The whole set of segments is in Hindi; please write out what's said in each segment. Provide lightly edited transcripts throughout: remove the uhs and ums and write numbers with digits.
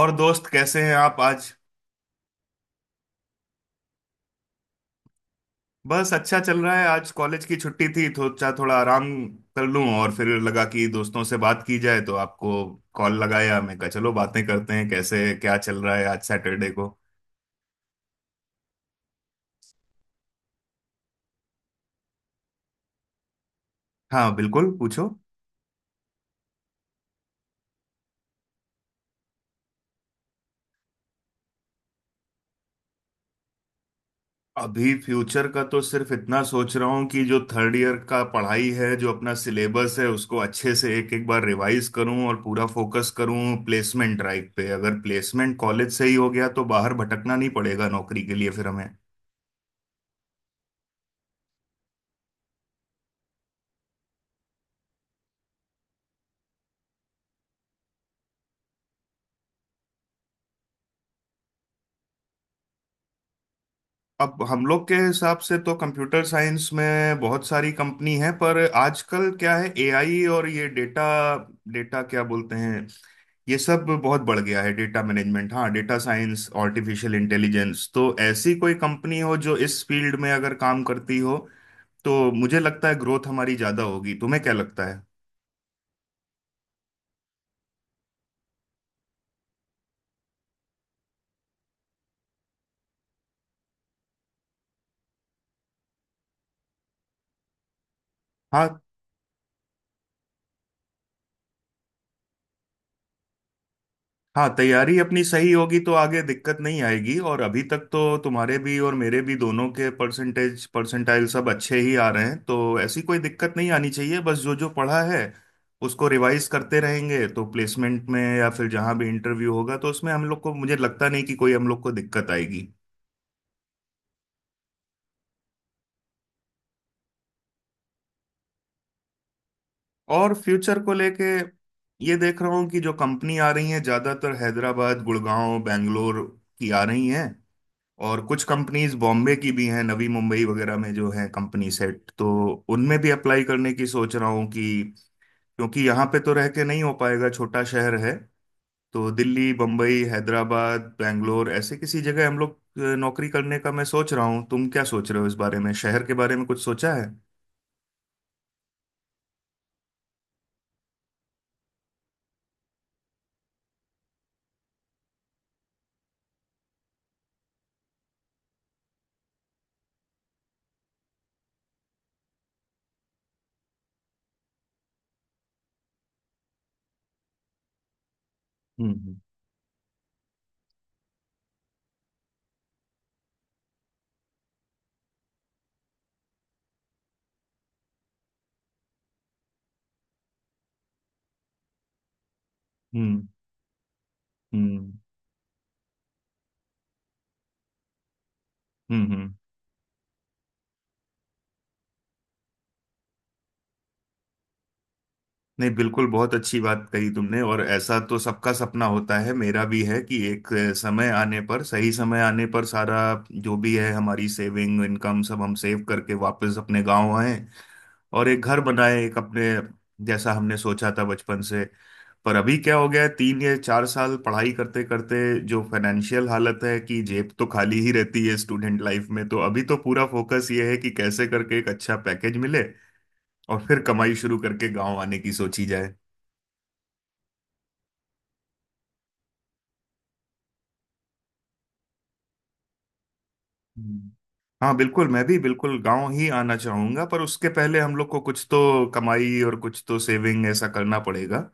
और दोस्त, कैसे हैं आप आज? बस अच्छा चल रहा है। आज कॉलेज की छुट्टी थी तो सोचा थोड़ा आराम कर लूं, और फिर लगा कि दोस्तों से बात की जाए, तो आपको कॉल लगाया। मैं कहा चलो बातें करते हैं, कैसे क्या चल रहा है आज सैटरडे को। हाँ बिल्कुल, पूछो। अभी फ्यूचर का तो सिर्फ इतना सोच रहा हूँ कि जो थर्ड ईयर का पढ़ाई है, जो अपना सिलेबस है, उसको अच्छे से एक एक बार रिवाइज करूँ और पूरा फोकस करूँ प्लेसमेंट ड्राइव पे। अगर प्लेसमेंट कॉलेज से ही हो गया तो बाहर भटकना नहीं पड़ेगा नौकरी के लिए फिर हमें। अब हम लोग के हिसाब से तो कंप्यूटर साइंस में बहुत सारी कंपनी है, पर आजकल क्या है, एआई और ये डेटा डेटा क्या बोलते हैं, ये सब बहुत बढ़ गया है। डेटा मैनेजमेंट, हाँ, डेटा साइंस, आर्टिफिशियल इंटेलिजेंस, तो ऐसी कोई कंपनी हो जो इस फील्ड में अगर काम करती हो तो मुझे लगता है ग्रोथ हमारी ज्यादा होगी। तुम्हें क्या लगता है? हाँ हाँ, तैयारी अपनी सही होगी तो आगे दिक्कत नहीं आएगी। और अभी तक तो तुम्हारे भी और मेरे भी दोनों के परसेंटेज परसेंटाइल सब अच्छे ही आ रहे हैं, तो ऐसी कोई दिक्कत नहीं आनी चाहिए। बस जो जो पढ़ा है उसको रिवाइज करते रहेंगे तो प्लेसमेंट में या फिर जहाँ भी इंटरव्यू होगा, तो उसमें हम लोग को, मुझे लगता नहीं कि कोई हम लोग को दिक्कत आएगी। और फ्यूचर को लेके ये देख रहा हूँ कि जो कंपनी आ रही है, ज़्यादातर हैदराबाद, गुड़गांव, बेंगलोर की आ रही हैं। और कुछ कंपनीज बॉम्बे की भी हैं, नवी मुंबई वगैरह में जो हैं कंपनी सेट, तो उनमें भी अप्लाई करने की सोच रहा हूँ। कि क्योंकि यहाँ पे तो रह के नहीं हो पाएगा, छोटा शहर है। तो दिल्ली, बम्बई, हैदराबाद, बैंगलोर, ऐसे किसी जगह हम लोग नौकरी करने का मैं सोच रहा हूँ। तुम क्या सोच रहे हो इस बारे में? शहर के बारे में कुछ सोचा है? हम्म। हम्म। हम्म। हम्म। हम्म। नहीं बिल्कुल, बहुत अच्छी बात कही तुमने। और ऐसा तो सबका सपना होता है, मेरा भी है कि एक समय आने पर, सही समय आने पर, सारा जो भी है हमारी सेविंग, इनकम, सब हम सेव करके वापस अपने गांव आए, और एक घर बनाए एक अपने, जैसा हमने सोचा था बचपन से। पर अभी क्या हो गया है, 3 या 4 साल पढ़ाई करते करते जो फाइनेंशियल हालत है कि जेब तो खाली ही रहती है स्टूडेंट लाइफ में, तो अभी तो पूरा फोकस ये है कि कैसे करके एक अच्छा पैकेज मिले और फिर कमाई शुरू करके गांव आने की सोची जाए। हम्म। हाँ बिल्कुल, मैं भी बिल्कुल गांव ही आना चाहूंगा। पर उसके पहले हम लोग को कुछ तो कमाई और कुछ तो सेविंग ऐसा करना पड़ेगा।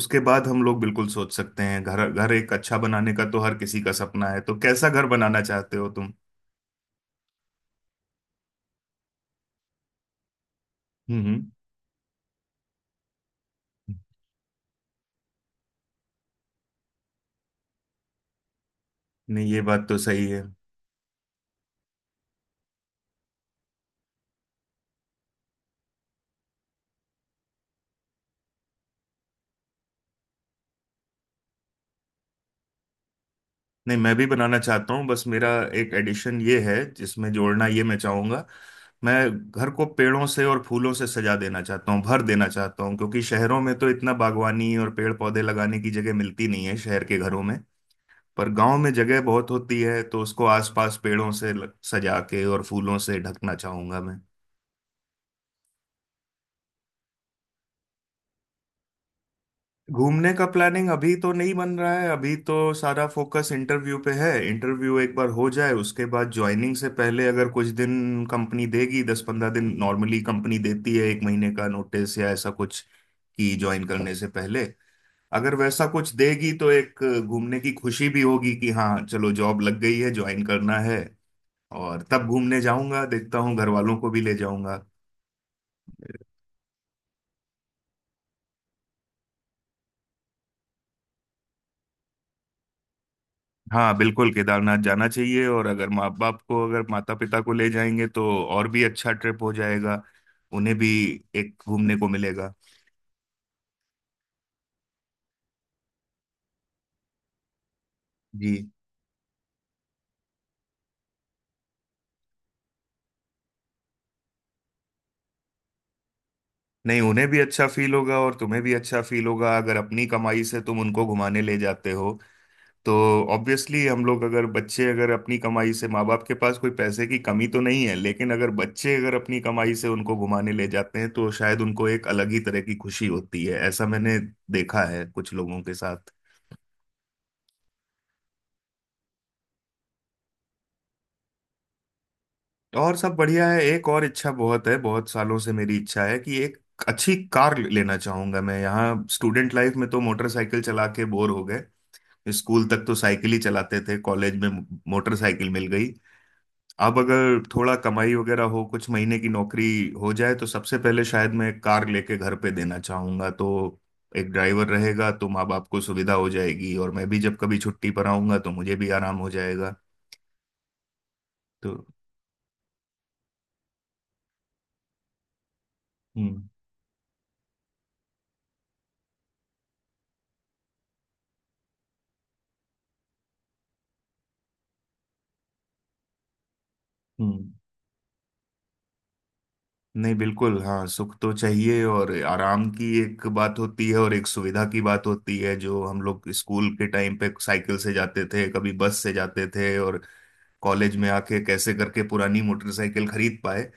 उसके बाद हम लोग बिल्कुल सोच सकते हैं। घर घर एक अच्छा बनाने का तो हर किसी का सपना है। तो कैसा घर बनाना चाहते हो तुम? हम्म। हम्म। नहीं, ये बात तो सही है। नहीं, मैं भी बनाना चाहता हूँ, बस मेरा एक एडिशन ये है जिसमें जोड़ना ये मैं चाहूंगा। मैं घर को पेड़ों से और फूलों से सजा देना चाहता हूँ, भर देना चाहता हूँ, क्योंकि शहरों में तो इतना बागवानी और पेड़ पौधे लगाने की जगह मिलती नहीं है शहर के घरों में। पर गांव में जगह बहुत होती है, तो उसको आसपास पेड़ों से सजा के और फूलों से ढकना चाहूंगा मैं। घूमने का प्लानिंग अभी तो नहीं बन रहा है। अभी तो सारा फोकस इंटरव्यू पे है। इंटरव्यू एक बार हो जाए, उसके बाद ज्वाइनिंग से पहले अगर कुछ दिन कंपनी देगी, 10-15 दिन नॉर्मली कंपनी देती है, एक महीने का नोटिस या ऐसा कुछ, कि ज्वाइन करने से पहले अगर वैसा कुछ देगी तो एक घूमने की खुशी भी होगी कि हाँ चलो जॉब लग गई है, ज्वाइन करना है। और तब घूमने जाऊंगा, देखता हूँ घर वालों को भी ले जाऊंगा। हाँ बिल्कुल, केदारनाथ जाना चाहिए। और अगर माता पिता को ले जाएंगे तो और भी अच्छा ट्रिप हो जाएगा, उन्हें भी एक घूमने को मिलेगा। जी। नहीं, उन्हें भी अच्छा फील होगा और तुम्हें भी अच्छा फील होगा अगर अपनी कमाई से तुम उनको घुमाने ले जाते हो। तो ऑब्वियसली हम लोग अगर बच्चे अगर अपनी कमाई से, माँ बाप के पास कोई पैसे की कमी तो नहीं है लेकिन अगर बच्चे अगर अपनी कमाई से उनको घुमाने ले जाते हैं तो शायद उनको एक अलग ही तरह की खुशी होती है, ऐसा मैंने देखा है कुछ लोगों के साथ। और सब बढ़िया है। एक और इच्छा बहुत है, बहुत सालों से मेरी इच्छा है कि एक अच्छी कार लेना चाहूंगा मैं। यहाँ स्टूडेंट लाइफ में तो मोटरसाइकिल चला के बोर हो गए। स्कूल तक तो साइकिल ही चलाते थे, कॉलेज में मोटरसाइकिल मिल गई। अब अगर थोड़ा कमाई वगैरह हो, कुछ महीने की नौकरी हो जाए तो सबसे पहले शायद मैं एक कार लेके घर पे देना चाहूंगा, तो एक ड्राइवर रहेगा तो माँ बाप को सुविधा हो जाएगी और मैं भी जब कभी छुट्टी पर आऊंगा तो मुझे भी आराम हो जाएगा, तो। हम्म। हम्म। नहीं बिल्कुल, हाँ, सुख तो चाहिए। और आराम की एक बात होती है और एक सुविधा की बात होती है। जो हम लोग स्कूल के टाइम पे साइकिल से जाते थे, कभी बस से जाते थे, और कॉलेज में आके कैसे करके पुरानी मोटरसाइकिल खरीद पाए,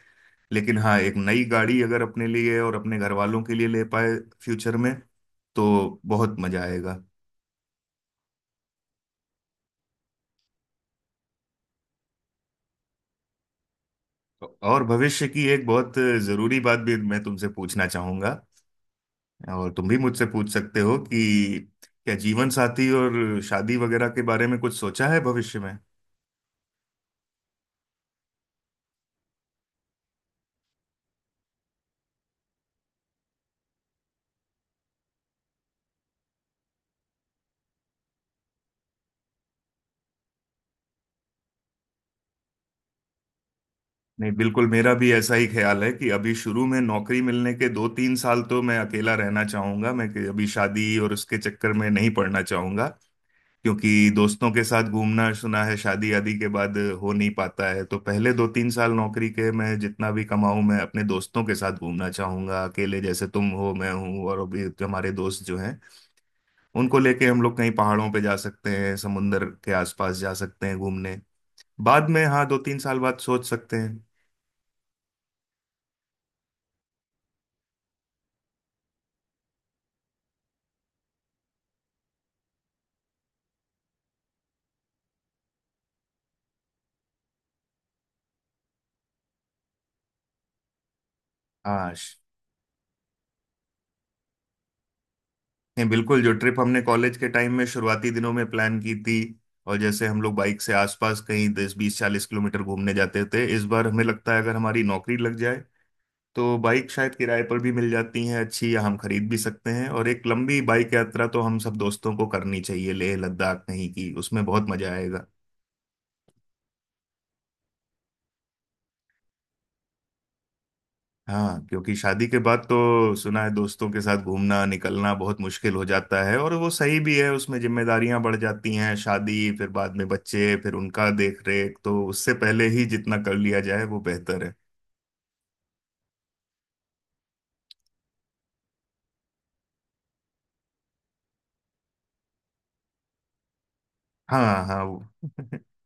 लेकिन हाँ एक नई गाड़ी अगर अपने लिए और अपने घर वालों के लिए ले पाए फ्यूचर में, तो बहुत मजा आएगा। और भविष्य की एक बहुत जरूरी बात भी मैं तुमसे पूछना चाहूंगा, और तुम भी मुझसे पूछ सकते हो कि क्या जीवन साथी और शादी वगैरह के बारे में कुछ सोचा है भविष्य में? नहीं बिल्कुल, मेरा भी ऐसा ही ख्याल है कि अभी शुरू में नौकरी मिलने के 2-3 साल तो मैं अकेला रहना चाहूंगा मैं, कि अभी शादी और उसके चक्कर में नहीं पड़ना चाहूंगा। क्योंकि दोस्तों के साथ घूमना सुना है शादी आदि के बाद हो नहीं पाता है। तो पहले 2-3 साल नौकरी के मैं जितना भी कमाऊं, मैं अपने दोस्तों के साथ घूमना चाहूंगा। अकेले जैसे तुम हो, मैं हूं और अभी हमारे दोस्त जो हैं, उनको लेके हम लोग कहीं पहाड़ों पे जा सकते हैं, समुंदर के आसपास जा सकते हैं घूमने। बाद में, हाँ 2-3 साल बाद सोच सकते हैं। हाँ नहीं बिल्कुल, जो ट्रिप हमने कॉलेज के टाइम में शुरुआती दिनों में प्लान की थी, और जैसे हम लोग बाइक से आसपास कहीं 10, 20, 40 किलोमीटर घूमने जाते थे, इस बार हमें लगता है अगर हमारी नौकरी लग जाए तो बाइक शायद किराए पर भी मिल जाती है अच्छी, या हम खरीद भी सकते हैं, और एक लंबी बाइक यात्रा तो हम सब दोस्तों को करनी चाहिए, लेह लद्दाख कहीं की, उसमें बहुत मजा आएगा। हाँ क्योंकि शादी के बाद तो सुना है दोस्तों के साथ घूमना निकलना बहुत मुश्किल हो जाता है, और वो सही भी है। उसमें जिम्मेदारियां बढ़ जाती हैं, शादी, फिर बाद में बच्चे, फिर उनका देख रेख, तो उससे पहले ही जितना कर लिया जाए वो बेहतर है। हाँ हाँ, वो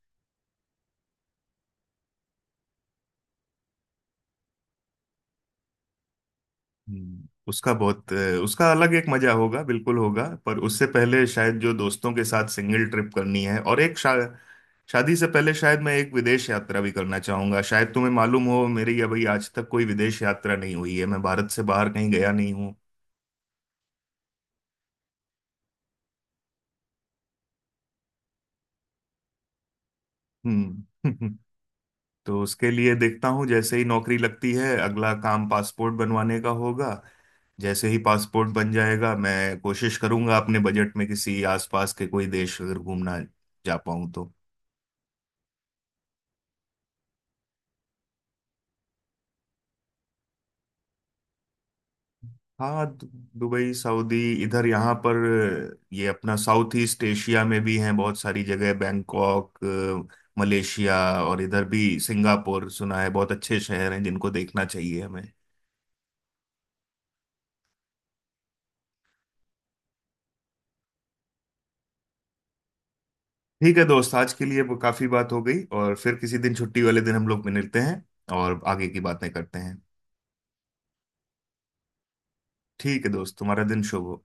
हम्म, उसका बहुत अ, उसका अलग एक मजा होगा, बिल्कुल होगा। पर उससे पहले शायद जो दोस्तों के साथ सिंगल ट्रिप करनी है, और एक शादी से पहले शायद मैं एक विदेश यात्रा भी करना चाहूंगा। शायद तुम्हें मालूम हो, मेरी अभी आज तक कोई विदेश यात्रा नहीं हुई है, मैं भारत से बाहर कहीं गया नहीं हूँ। हम्म। तो उसके लिए देखता हूँ, जैसे ही नौकरी लगती है अगला काम पासपोर्ट बनवाने का होगा। जैसे ही पासपोर्ट बन जाएगा, मैं कोशिश करूंगा अपने बजट में किसी आसपास के कोई देश अगर घूमना जा पाऊं तो। हाँ दुबई, सऊदी, इधर। यहाँ पर ये अपना साउथ ईस्ट एशिया में भी हैं बहुत सारी जगह, बैंकॉक, मलेशिया, और इधर भी सिंगापुर, सुना है बहुत अच्छे शहर हैं जिनको देखना चाहिए हमें। ठीक है दोस्त, आज के लिए वो काफी बात हो गई। और फिर किसी दिन, छुट्टी वाले दिन हम लोग मिलते हैं और आगे की बातें करते हैं। ठीक है दोस्त, तुम्हारा दिन शुभ हो।